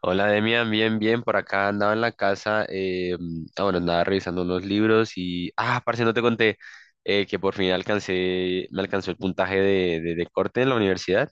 Hola Demian, bien, bien, por acá andaba en la casa, bueno, andaba revisando unos libros y, parce, no te conté que por fin me alcanzó el puntaje de corte en la universidad,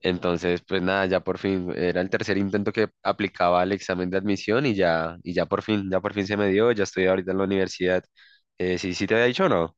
entonces, pues nada, ya por fin, era el tercer intento que aplicaba al examen de admisión y ya por fin se me dio, ya estoy ahorita en la universidad, ¿sí, sí te había dicho o no?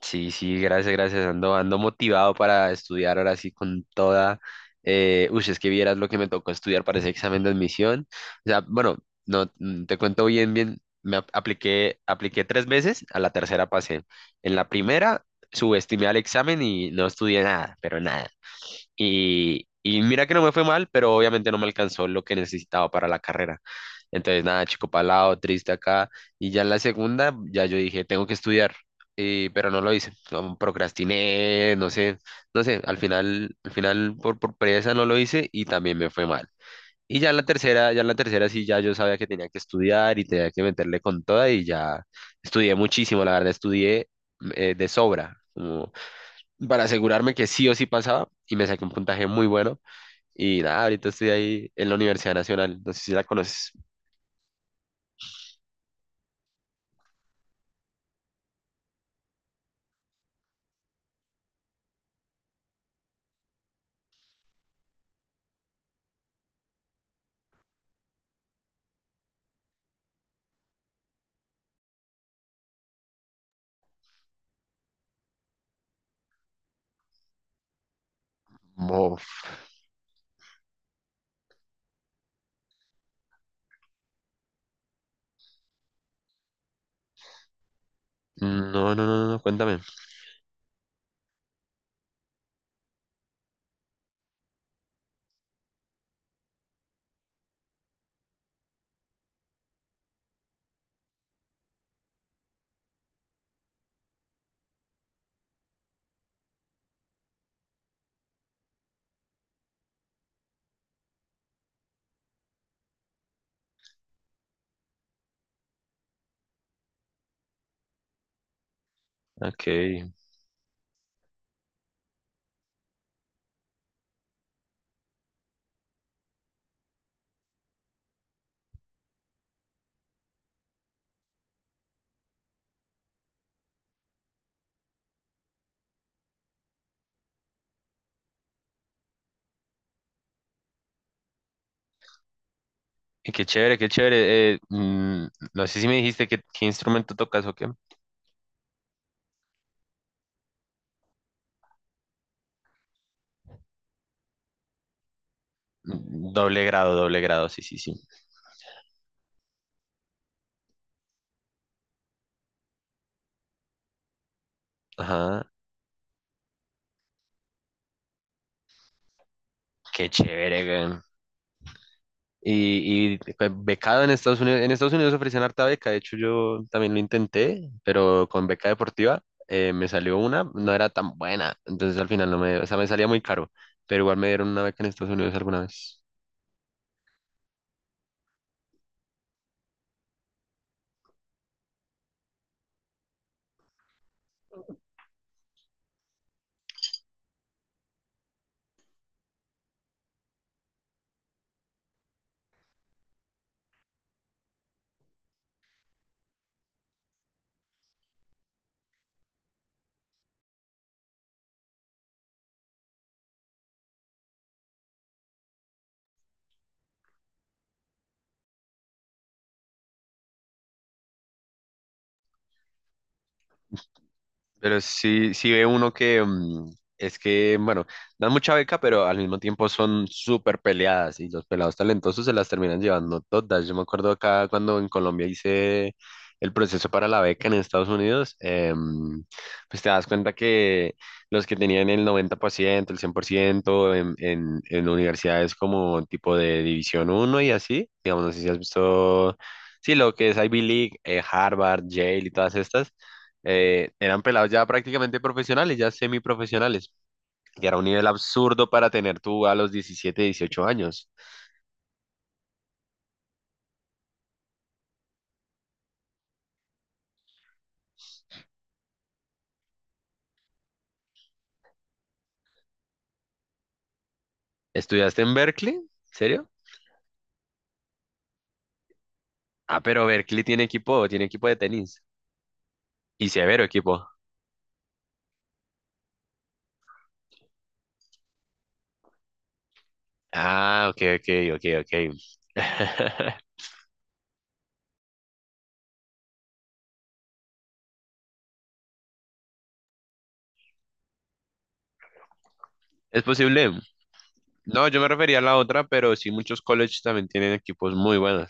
Sí, sí, gracias, gracias. Ando motivado para estudiar ahora sí con toda. Uy, es que vieras lo que me tocó estudiar para ese examen de admisión. O sea, bueno, no, te cuento bien, bien. Me apliqué tres veces, a la tercera pasé. En la primera subestimé al examen y no estudié nada, pero nada. Y mira que no me fue mal, pero obviamente no me alcanzó lo que necesitaba para la carrera. Entonces, nada, chico palado, triste acá. Y ya en la segunda, ya yo dije, tengo que estudiar, pero no lo hice. No, procrastiné, no sé, al final por pereza no lo hice y también me fue mal. Y ya en la tercera, ya en la tercera sí, ya yo sabía que tenía que estudiar y tenía que meterle con toda y ya estudié muchísimo, la verdad, estudié de sobra, como para asegurarme que sí o sí pasaba y me saqué un puntaje muy bueno. Y nada, ahorita estoy ahí en la Universidad Nacional, no sé si la conoces. Mof. No, no, no, no, no, cuéntame. Ok. Y qué chévere, qué chévere. No sé si me dijiste qué instrumento tocas o qué. Mm. Doble grado, sí, sí, sí. Ajá, qué chévere, güey. Y becado en Estados Unidos. En Estados Unidos ofrecían harta beca. De hecho, yo también lo intenté, pero con beca deportiva me salió una, no era tan buena. Entonces al final no me, o sea, me salía muy caro. Pero igual me dieron una beca en Estados Unidos alguna vez. Pero sí, sí ve uno que es que, bueno, dan mucha beca, pero al mismo tiempo son súper peleadas y los pelados talentosos se las terminan llevando todas. Yo me acuerdo acá cuando en Colombia hice el proceso para la beca en Estados Unidos, pues te das cuenta que los que tenían el 90% el 100% en, universidades como tipo de División uno y así, digamos, no sé si has visto, sí, lo que es Ivy League, Harvard, Yale y todas estas eran pelados ya prácticamente profesionales, ya semiprofesionales, que era un nivel absurdo para tener tú a los 17 18 años. ¿Estudiaste en Berkeley? ¿En serio? Ah, pero Berkeley tiene equipo de tenis. Y severo equipo. Ah, ok, ok, ok, ok. Es posible. No, yo me refería a la otra, pero sí muchos colleges también tienen equipos muy buenos.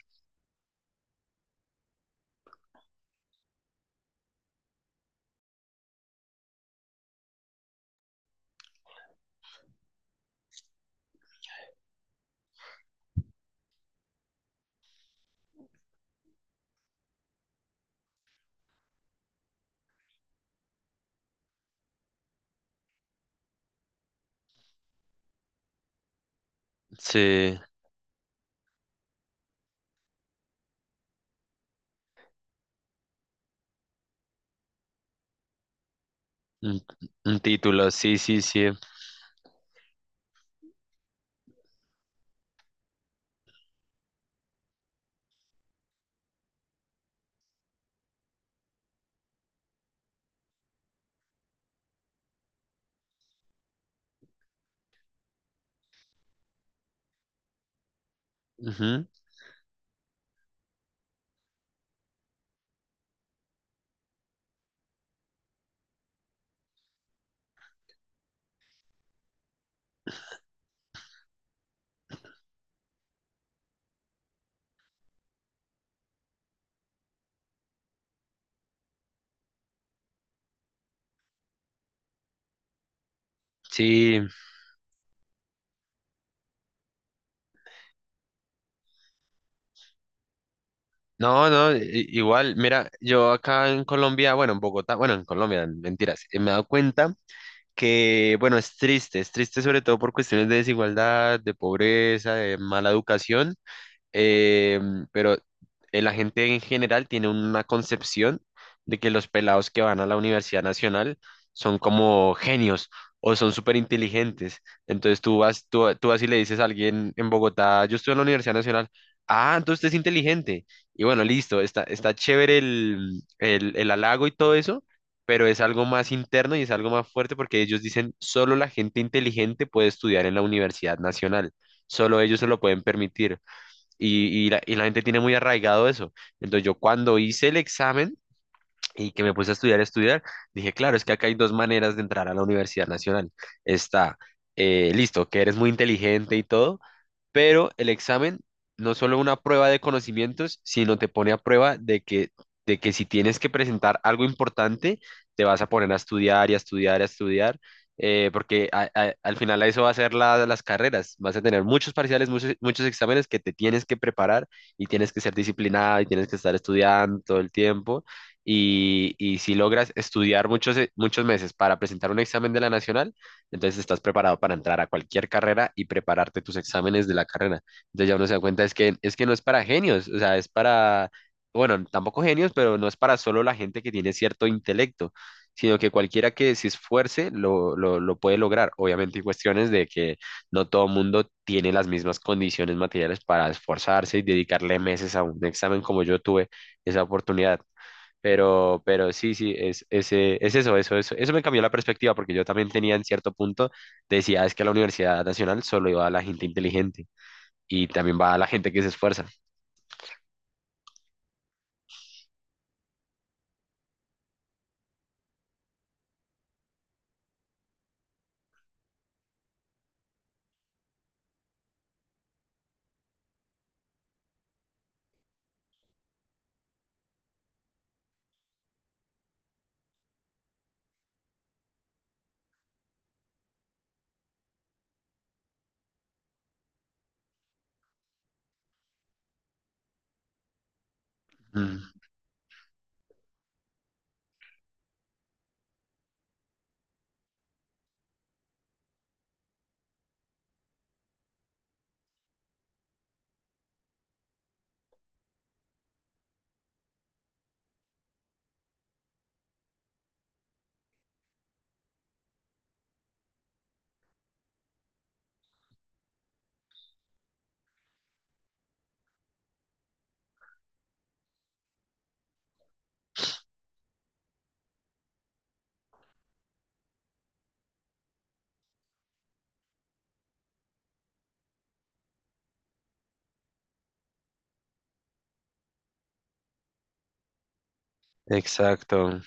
Sí. Un, un título, sí, sí, sí. Ujú. Sí, no, no, igual, mira, yo acá en Colombia, bueno, en Bogotá, bueno, en Colombia, mentiras, me he dado cuenta que, bueno, es triste sobre todo por cuestiones de desigualdad, de pobreza, de mala educación. eh, pero la gente en general tiene una concepción de que los pelados que van a la Universidad Nacional son como genios o son súper inteligentes. Entonces tú vas, tú vas y le dices a alguien en Bogotá, yo estoy en la Universidad Nacional, ah, entonces usted es inteligente. Y bueno, listo, está chévere el halago y todo eso. Pero es algo más interno y es algo más fuerte porque ellos dicen, solo la gente inteligente puede estudiar en la Universidad Nacional, solo ellos se lo pueden permitir. Y la gente tiene muy arraigado eso. Entonces yo cuando hice el examen y que me puse a estudiar, dije, claro, es que acá hay dos maneras de entrar a la Universidad Nacional. Está, listo, que eres muy inteligente y todo, pero el examen no es solo una prueba de conocimientos, sino te pone a prueba de que si tienes que presentar algo importante, te vas a poner a estudiar y a estudiar y a estudiar, porque al final a eso va a ser las carreras, vas a tener muchos parciales, muchos, muchos exámenes que te tienes que preparar y tienes que ser disciplinado y tienes que estar estudiando todo el tiempo. Y si logras estudiar muchos, muchos meses para presentar un examen de la nacional, entonces estás preparado para entrar a cualquier carrera y prepararte tus exámenes de la carrera. Entonces ya uno se da cuenta es que no es para genios, o sea, es para, bueno, tampoco genios, pero no es para solo la gente que tiene cierto intelecto, sino que cualquiera que se esfuerce lo puede lograr. Obviamente hay cuestiones de que no todo mundo tiene las mismas condiciones materiales para esforzarse y dedicarle meses a un examen como yo tuve esa oportunidad. Pero sí, sí, es, ese, es eso, eso, eso, eso me cambió la perspectiva porque yo también tenía en cierto punto, decía, es que a la Universidad Nacional solo iba a la gente inteligente y también va a la gente que se esfuerza. Mm, exacto.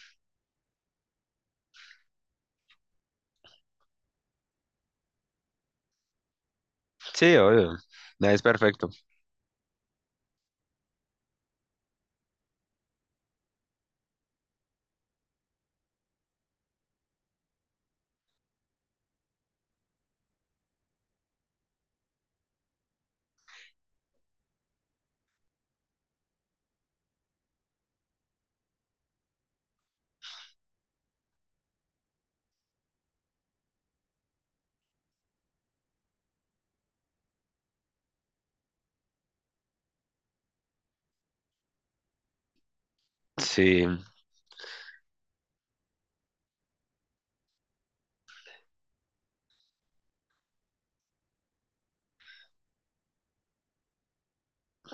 Sí, obvio. Nadie es perfecto. Sí,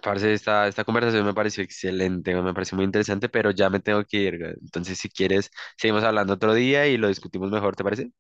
parce, esta conversación me pareció excelente, me pareció muy interesante, pero ya me tengo que ir, güey. Entonces, si quieres, seguimos hablando otro día y lo discutimos mejor, ¿te parece?